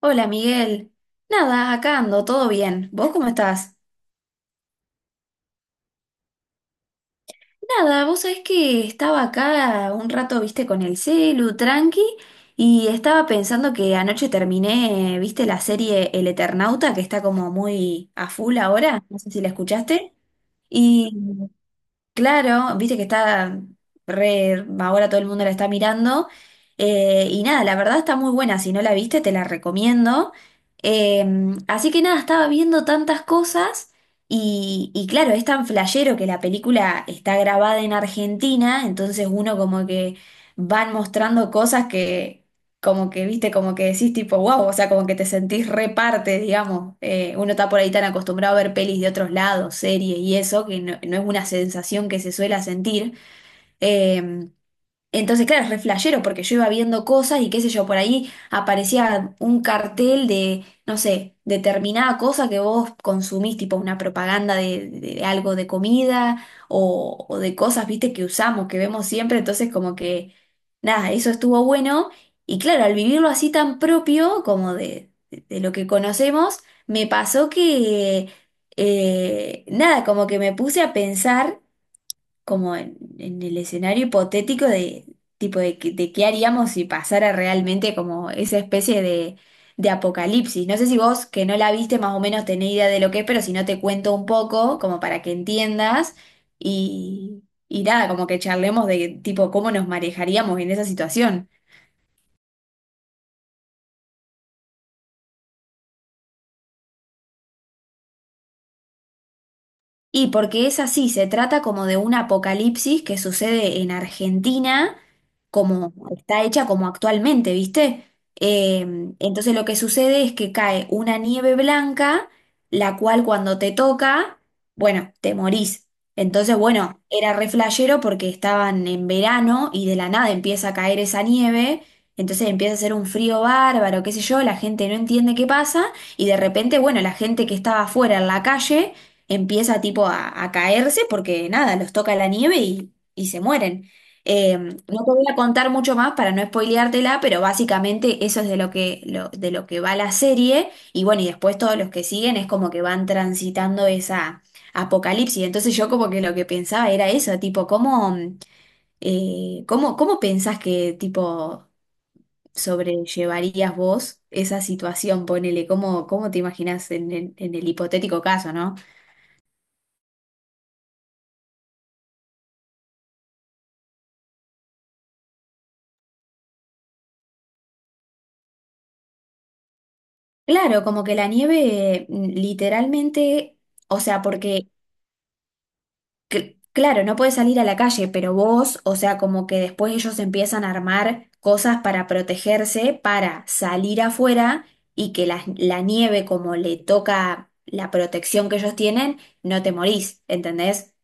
Hola Miguel. Nada, acá ando, todo bien. ¿Vos cómo estás? Nada, vos sabés que estaba acá un rato, viste, con el celu, tranqui, y estaba pensando que anoche terminé, viste, la serie El Eternauta, que está como muy a full ahora, no sé si la escuchaste, y Claro, viste que está re, ahora todo el mundo la está mirando. Y nada, la verdad está muy buena. Si no la viste, te la recomiendo. Eh, Así que nada, estaba viendo tantas cosas. Y claro, es tan flashero que la película está grabada en Argentina. Entonces uno como que van mostrando cosas que como que, viste, como que decís tipo, wow, o sea, como que te sentís reparte, digamos. Uno está por ahí tan acostumbrado a ver pelis de otros lados, series y eso, que no, no es una sensación que se suele sentir. Em, entonces, claro, es re flashero porque yo iba viendo cosas y qué sé yo, por ahí aparecía un cartel de, no sé, determinada cosa que vos consumís, tipo una propaganda de, algo de comida o de cosas, viste, que usamos, que vemos siempre. Entonces, como que, nada, eso estuvo bueno. Y claro, al vivirlo así tan propio como de, de lo que conocemos, me pasó que, nada, como que me puse a pensar como en el escenario hipotético de tipo de, de qué haríamos si pasara realmente como esa especie de apocalipsis. No sé si vos que no la viste más o menos tenés idea de lo que es, pero si no te cuento un poco como para que entiendas y nada, como que charlemos de tipo cómo nos manejaríamos en esa situación. Y porque es así, se trata como de un apocalipsis que sucede en Argentina, como está hecha como actualmente, ¿viste? Eh, entonces lo que sucede es que cae una nieve blanca, la cual cuando te toca, bueno, te morís. Entonces, bueno, era re flashero porque estaban en verano y de la nada empieza a caer esa nieve, entonces empieza a hacer un frío bárbaro, qué sé yo, la gente no entiende qué pasa y de repente, bueno, la gente que estaba afuera en la calle empieza tipo a caerse porque nada, los toca la nieve y se mueren. No te voy a contar mucho más para no spoileártela, pero básicamente eso es de lo que, de lo que va la serie y bueno, y después todos los que siguen es como que van transitando esa apocalipsis. Entonces yo como que lo que pensaba era eso, tipo, ¿ cómo pensás que tipo sobrellevarías vos esa situación? Ponele, ¿cómo te imaginás en, en el hipotético caso, ¿no? Claro, como que la nieve literalmente, o sea, porque, claro, no puedes salir a la calle, pero vos, o sea, como que después ellos empiezan a armar cosas para protegerse, para salir afuera y que la nieve, como le toca la protección que ellos tienen, no te morís, ¿entendés?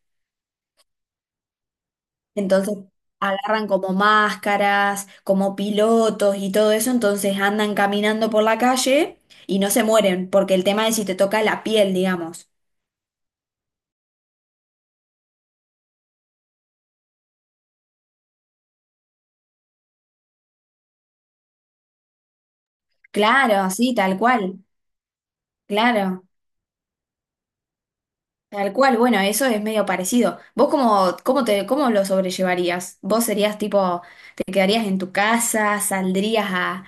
Entonces agarran como máscaras, como pilotos y todo eso, entonces andan caminando por la calle y no se mueren, porque el tema es si te toca la piel, digamos. Claro, sí, tal cual, claro, tal cual. Bueno, eso es medio parecido. ¿Vos cómo, cómo te, cómo lo sobrellevarías? ¿Vos serías tipo, te quedarías en tu casa, saldrías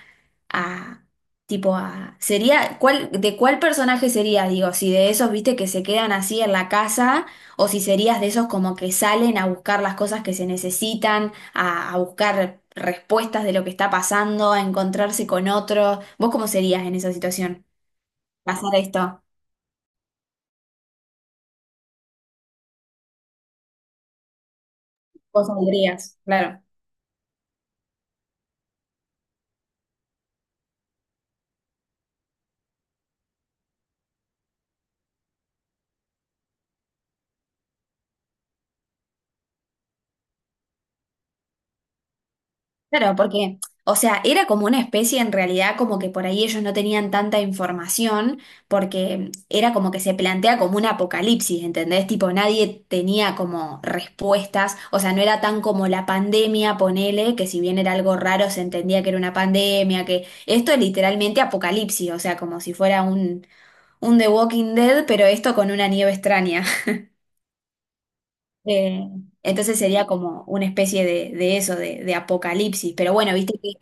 a, tipo a, sería, cuál, de cuál personaje serías? Digo, si de esos, viste, que se quedan así en la casa, o si serías de esos como que salen a buscar las cosas que se necesitan, a buscar respuestas de lo que está pasando, a encontrarse con otros. ¿Vos cómo serías en esa situación? Pasar esto. Vos saldrías, claro. Claro, porque, o sea, era como una especie en realidad como que por ahí ellos no tenían tanta información, porque era como que se plantea como un apocalipsis, ¿entendés? Tipo, nadie tenía como respuestas, o sea, no era tan como la pandemia, ponele, que si bien era algo raro se entendía que era una pandemia, que esto es literalmente apocalipsis, o sea, como si fuera un The Walking Dead, pero esto con una nieve extraña. Eh, entonces sería como una especie de eso, de apocalipsis. Pero bueno, viste que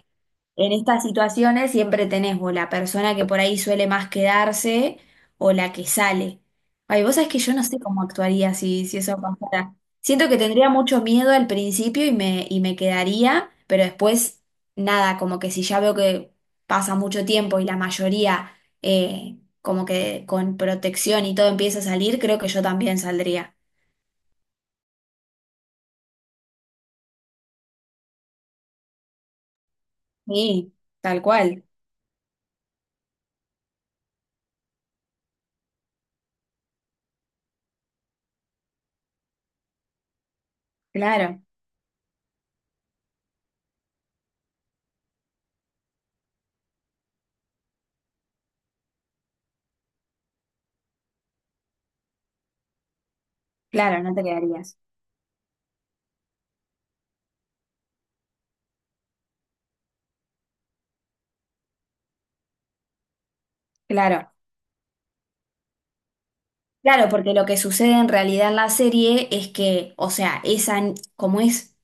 en estas situaciones siempre tenés o la persona que por ahí suele más quedarse o la que sale. Ay, vos sabés que yo no sé cómo actuaría si, si eso pasara. Siento que tendría mucho miedo al principio y me quedaría, pero después nada, como que si ya veo que pasa mucho tiempo y la mayoría como que con protección y todo empieza a salir, creo que yo también saldría. Sí, tal cual, claro, claro, no te quedarías, claro, claro, porque lo que sucede en realidad en la serie es que, o sea, esa, como es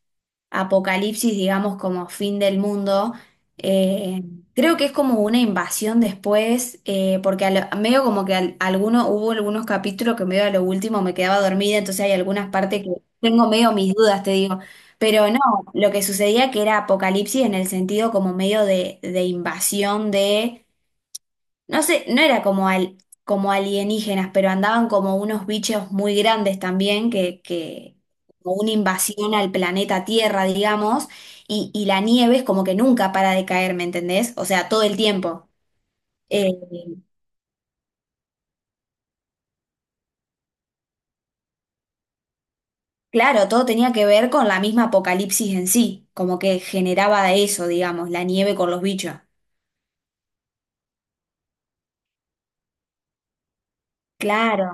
apocalipsis, digamos, como fin del mundo, eh, creo que es como una invasión después, porque medio como que alguno, hubo algunos capítulos que medio a lo último me quedaba dormida, entonces hay algunas partes que tengo medio mis dudas, te digo, pero no, lo que sucedía que era apocalipsis en el sentido como medio de invasión de No sé, no era como, al, como alienígenas, pero andaban como unos bichos muy grandes también, que como una invasión al planeta Tierra, digamos, y la nieve es como que nunca para de caer, ¿me entendés? O sea, todo el tiempo. Eh, claro, todo tenía que ver con la misma apocalipsis en sí, como que generaba eso, digamos, la nieve con los bichos. Claro.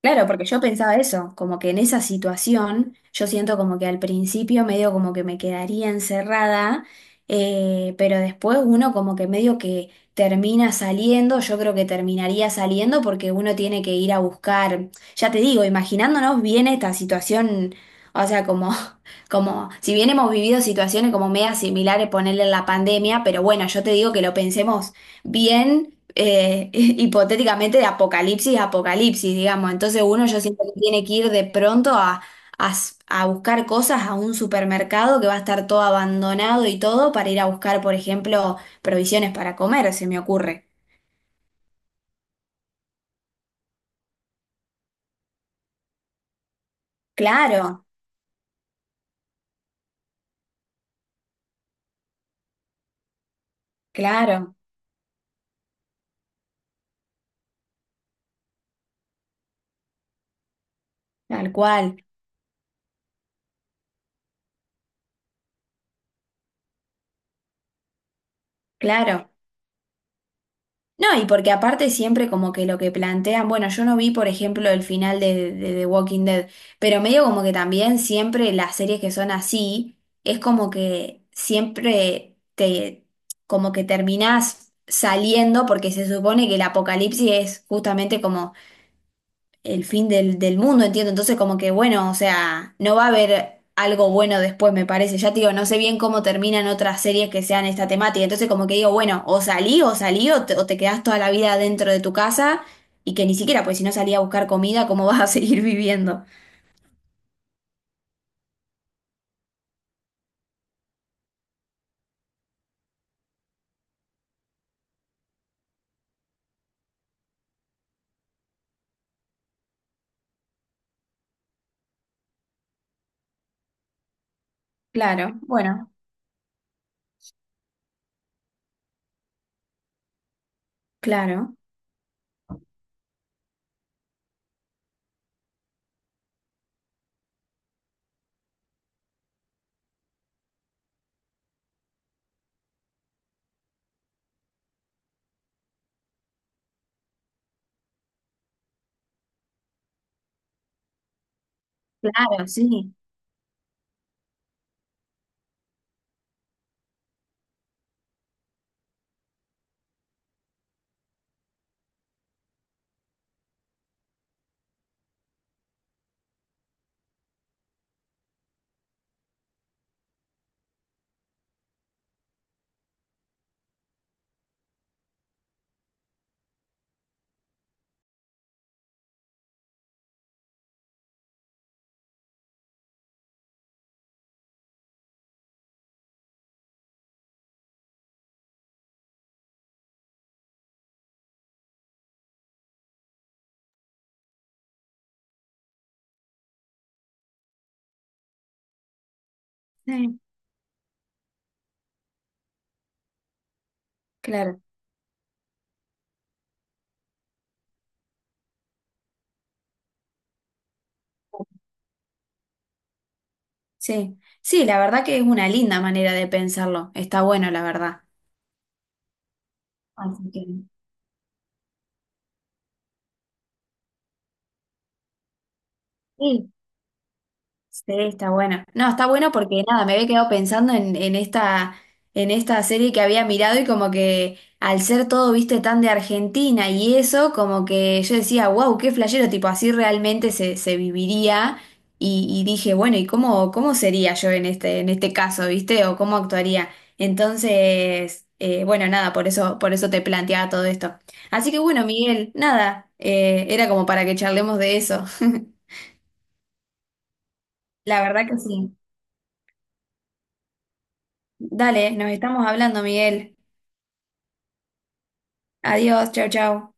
Claro, porque yo pensaba eso, como que en esa situación yo siento como que al principio medio como que me quedaría encerrada, pero después uno como que medio que termina saliendo, yo creo que terminaría saliendo porque uno tiene que ir a buscar, ya te digo, imaginándonos bien esta situación, o sea, como, como si bien hemos vivido situaciones como media similares, ponerle la pandemia, pero bueno, yo te digo que lo pensemos bien hipotéticamente de apocalipsis a apocalipsis, digamos. Entonces uno yo siento que tiene que ir de pronto a, a buscar cosas a un supermercado que va a estar todo abandonado y todo para ir a buscar, por ejemplo, provisiones para comer, se me ocurre. Claro, claro, tal cual, claro. No, y porque aparte siempre como que lo que plantean, bueno, yo no vi por ejemplo el final de The Walking Dead, pero medio como que también siempre las series que son así, es como que siempre te, como que terminás saliendo porque se supone que el apocalipsis es justamente como el fin del, del mundo, entiendo. Entonces, como que bueno, o sea, no va a haber algo bueno después, me parece. Ya te digo, no sé bien cómo terminan otras series que sean esta temática. Entonces, como que digo, bueno, o salí, o salí, o te quedás toda la vida dentro de tu casa y que ni siquiera, pues si no salí a buscar comida, ¿cómo vas a seguir viviendo? Claro, bueno, claro, claro, sí, sí, claro, sí. Sí, la verdad que es una linda manera de pensarlo. Está bueno, la verdad. Así que, sí, sí, está bueno. No, está bueno porque nada, me había quedado pensando en esta serie que había mirado y como que al ser todo, viste, tan de Argentina y eso, como que yo decía, wow, qué flashero, tipo, así realmente se, se viviría. Y dije, bueno, ¿y cómo, cómo sería yo en este caso, viste? ¿O cómo actuaría? Entonces, bueno, nada, por eso te planteaba todo esto. Así que bueno, Miguel, nada, era como para que charlemos de eso. La verdad que sí. Dale, nos estamos hablando, Miguel. Adiós, chao, chao.